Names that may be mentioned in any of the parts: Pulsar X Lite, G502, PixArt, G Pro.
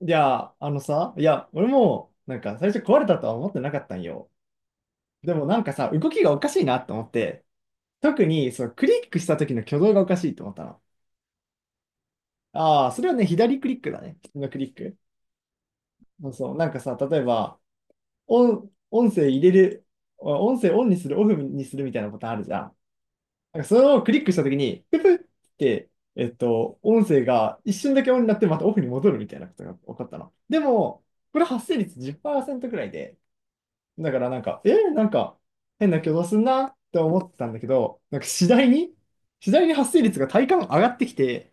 いや、あのさ、俺も、なんか最初壊れたとは思ってなかったんよ。でもなんかさ、動きがおかしいなと思って、特にそのクリックした時の挙動がおかしいと思ったの。ああ、それはね、左クリックだね。普通のクリック。そうそう、なんかさ、例えば、音、音声入れる、音声オンにする、オフにするみたいなボタンあるじゃん。なんかそれをクリックした時に、ププって、音声が一瞬だけオンになってまたオフに戻るみたいなことが起こったの。でも、これ発生率10%くらいで、だからなんか、変な挙動すんなって思ってたんだけど、なんか次第に発生率が体感上がってきて、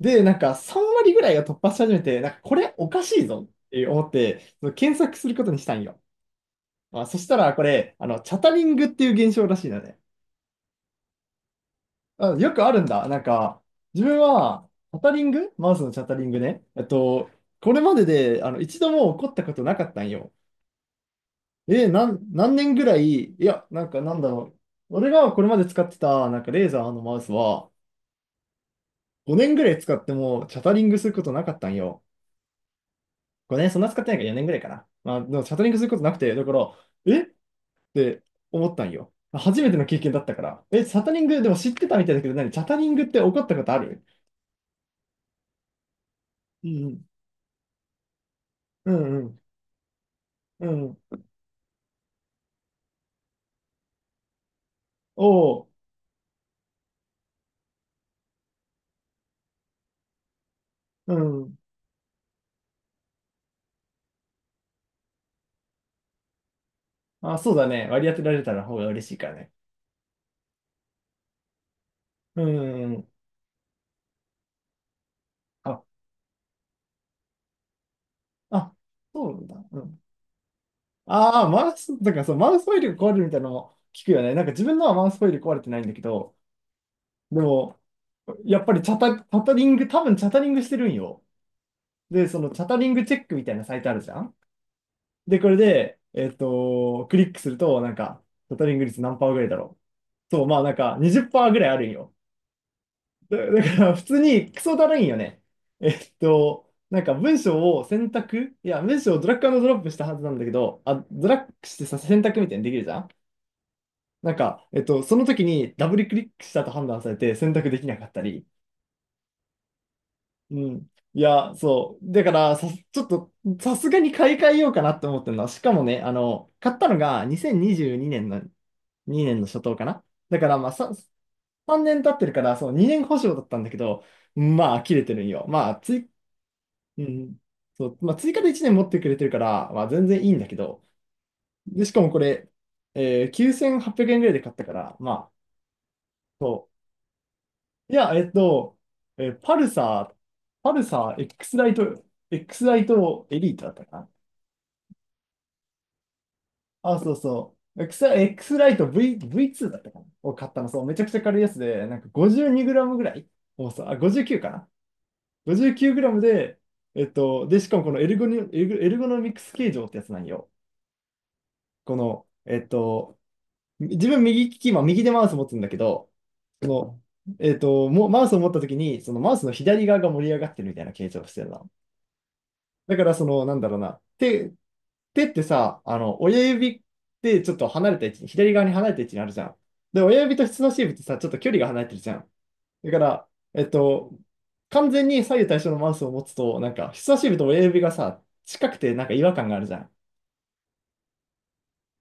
で、なんか3割ぐらいが突破し始めて、なんかこれおかしいぞって思って、その検索することにしたんよ。まあ、そしたらこれ、チャタリングっていう現象らしいんだね。あ、よくあるんだ。なんか、自分は、チャタリングマウスのチャタリングね。これまでで、一度も起こったことなかったんよ。何年ぐらい、なんだろう。俺がこれまで使ってた、なんかレーザーのマウスは、5年ぐらい使ってもチャタリングすることなかったんよ。5年、そんな使ってないから4年ぐらいかな。まあ、でもチャタリングすることなくて、だから、えって思ったんよ。初めての経験だったから。え、チャタリング、でも知ってたみたいだけど、何チャタリングって起こったことある？うんうん。うんうん。うん。おう。うん。あ、そうだね。割り当てられたら方が嬉しいからね。うんうんうん。あ、あ、そうだうんだ。ああ、マウス、なんかそう、マウスホイール壊れるみたいなの聞くよね。なんか自分のはマウスホイール壊れてないんだけど、でも、やっぱりチャタ、チャタリング、多分チャタリングしてるんよ。で、そのチャタリングチェックみたいなサイトあるじゃん。で、これで、クリックすると、なんか、チャタリング率何パーぐらいだろう。そう、まあなんか20%ぐらいあるんよ。だから普通にクソだるいんよね。なんか文章を選択、いや、文章をドラッグアンドドロップしたはずなんだけど、あ、ドラッグしてさ、選択みたいにできるじゃん。なんか、その時にダブルクリックしたと判断されて選択できなかったり。うん。いや、そう。だから、さ、ちょっと、さすがに買い替えようかなって思ってるのは、しかもね、買ったのが2022年の初頭かな。だから、まあ、さ、3年経ってるから、そう、2年保証だったんだけど、まあ、切れてるんよ。まあ、つい、うん。そう、まあ、追加で1年持ってくれてるから、まあ、全然いいんだけど。で、しかもこれ、9800円ぐらいで買ったから、まあ、いや、えっと、えーパルサー、パルサー、X ライト、X ライトエリートだったかな。あ、そうそう。X ライト V2 だったかな。を買ったの、そう、めちゃくちゃ軽いやつで、なんか 52g ぐらい重さ、あ、59かな。59g で、しかもこのエルゴニ、エルゴエルゴノミクス形状ってやつなんよ。この、えっと、自分右利き、今右でマウス持つんだけど、その、もうマウスを持った時に、そのマウスの左側が盛り上がってるみたいな形状をしてるな。だから、その、なんだろうな。手ってさ、親指ってちょっと離れた位置に、左側に離れた位置にあるじゃん。で、親指と人差し指ってさ、ちょっと距離が離れてるじゃん。だから、完全に左右対称のマウスを持つと、なんか、人差し指と親指がさ、近くてなんか違和感があるじゃん。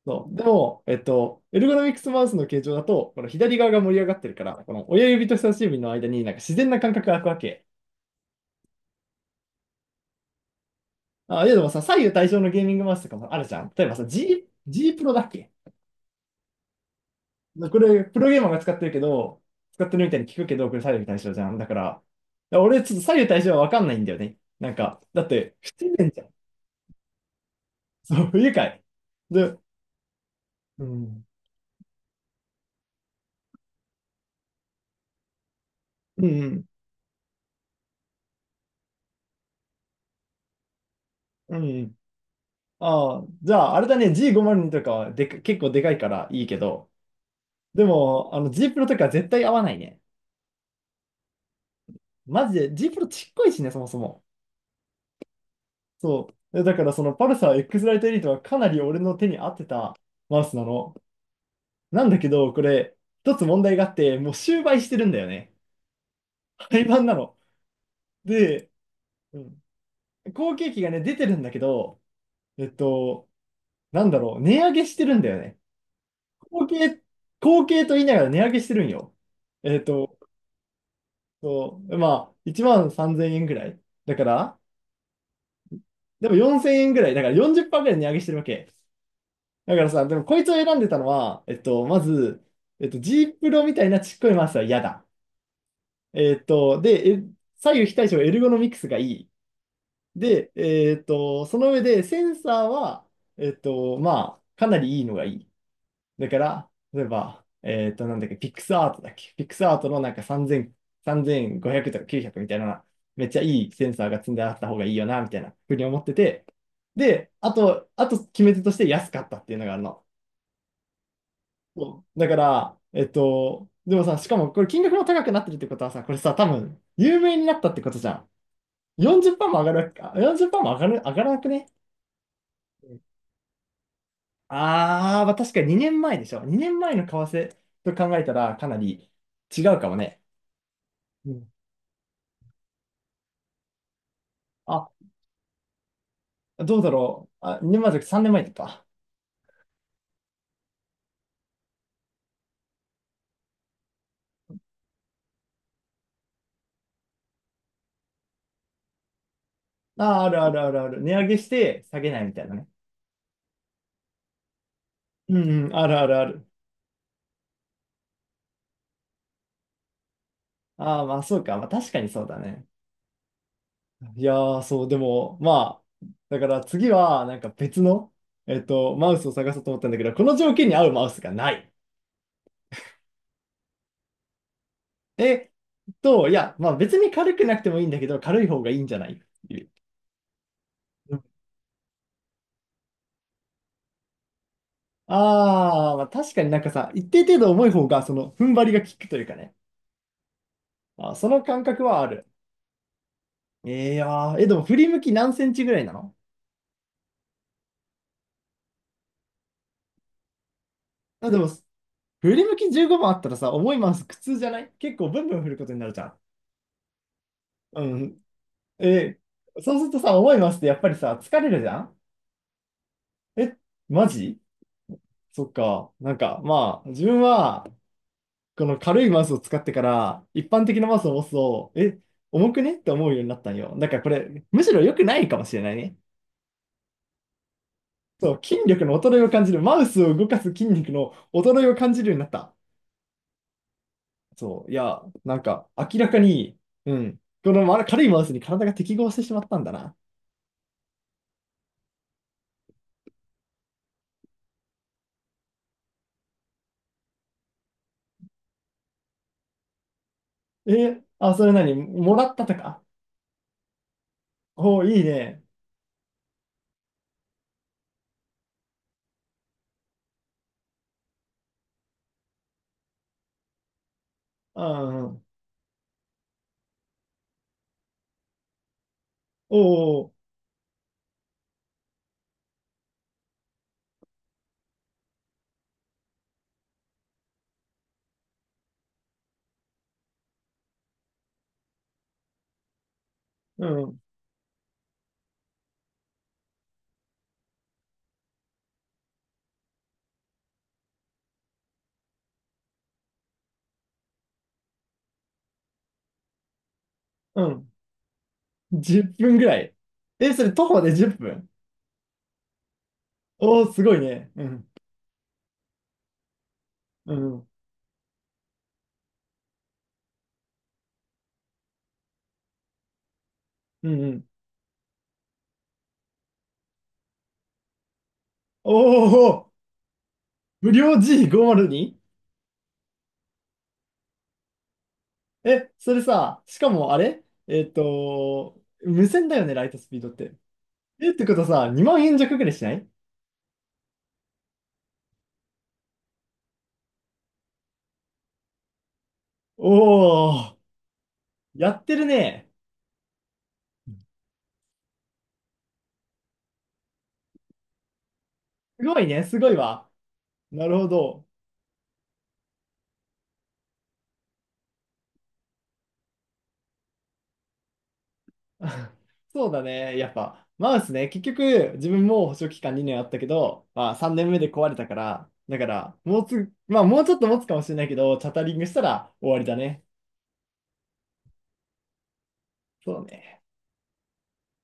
そう。でも、エルゴノミクスマウスの形状だと、この左側が盛り上がってるから、この親指と人差し指の間になんか自然な感覚が空くわけ。あ、いやでもさ、左右対称のゲーミングマウスとかもあるじゃん。例えばさ、G プロだっけ？これ、プロゲーマーが使ってるけど、使ってるみたいに聞くけど、これ左右対称じゃん。だから俺、ちょっと左右対称はわかんないんだよね。なんか、だって、不自然じゃん。そう、不愉快。で、うん、うん、うん。ああ、じゃあ、あれだね、G502 とかはでか、結構でかいからいいけど、でも、あの G プロとか絶対合わないね。マジで、G プロちっこいしね、そもそも。そう。えだから、そのパルサー X ライトエリートはかなり俺の手に合ってたマウスなの。なんだけど、これ、一つ問題があって、もう終売してるんだよね。廃盤なの。で、うん、後継機がね、出てるんだけど、えっと、なんだろう、値上げしてるんだよね。後継、後継と言いながら値上げしてるんよ。えっと、そう、まあ、1万3000円ぐらい。だから、でも4000円ぐらい。だから40%ぐらい値上げしてるわけ。だからさ、でもこいつを選んでたのは、まず、G プロみたいなちっこいマウスは嫌だ。えっと、で、え左右非対称エルゴノミクスがいい。で、その上でセンサーは、まあ、かなりいいのがいい。だから、例えば、なんだっけ、ピックスアートだっけ。ピックスアートのなんか3000、3500とか900みたいな、めっちゃいいセンサーが積んであった方がいいよな、みたいなふうに思ってて。で、あと決め手として安かったっていうのがあるの。そうだから、でもさ、しかもこれ金額も高くなってるってことはさ、これさ、多分、有名になったってことじゃん。40%も上がるわけか、40%も上がる、上がらなくね？ああ、まあ確かに2年前でしょ。2年前の為替と考えたらかなり違うかもね。うん。あ、どうだろう。あ、2年前じゃなくて3年前か。ああ、あるあるあるある。値上げして下げないみたいなね。うんうん、あるあるある。ああ、まあそうか。まあ確かにそうだね。いやー、そう、でも、まあ、だから次はなんか別の、マウスを探そうと思ったんだけど、この条件に合うマウスがない。えいや、まあ別に軽くなくてもいいんだけど、軽い方がいいんじゃないっていう。ああ、まあ、確かになんかさ、一定程度重い方が、その、踏ん張りが効くというかね。あー、その感覚はある。えー、いやーえ、でも振り向き何センチぐらいなの？あ、でも、振り向き15番あったらさ、重いマウス苦痛じゃない？結構ブンブン振ることになるじゃん。うん。えーそうするとさ、重いマウスってやっぱりさ、疲れるじゃん？え、マジ？そっか。なんか、まあ、自分は、この軽いマウスを使ってから、一般的なマウスを持つと、え、重くねって思うようになったんよ。だからこれ、むしろ良くないかもしれないね。そう、筋力の衰えを感じる。マウスを動かす筋肉の衰えを感じるようになった。そう、いや、なんか、明らかに、うん、この軽いマウスに体が適合してしまったんだな。え、あ、それ何もらったとか。おーいいね。うんうん、おお、うん、うん。10分ぐらい。え、それ徒歩で10分。おーすごいね。うん、うん、うん、うん。おお、無料 G502？ え、それさ、しかもあれ無線だよね、ライトスピードって。え、ってことさ、2万円弱ぐらいしない？おー、やってるね。すごいね、すごいわ。なるほど。そうだね、やっぱ。マウスね、結局、自分も保証期間2年あったけど、まあ3年目で壊れたから、だから、もうつ、まあもうちょっと持つかもしれないけど、チャタリングしたら終わりだね。そうね。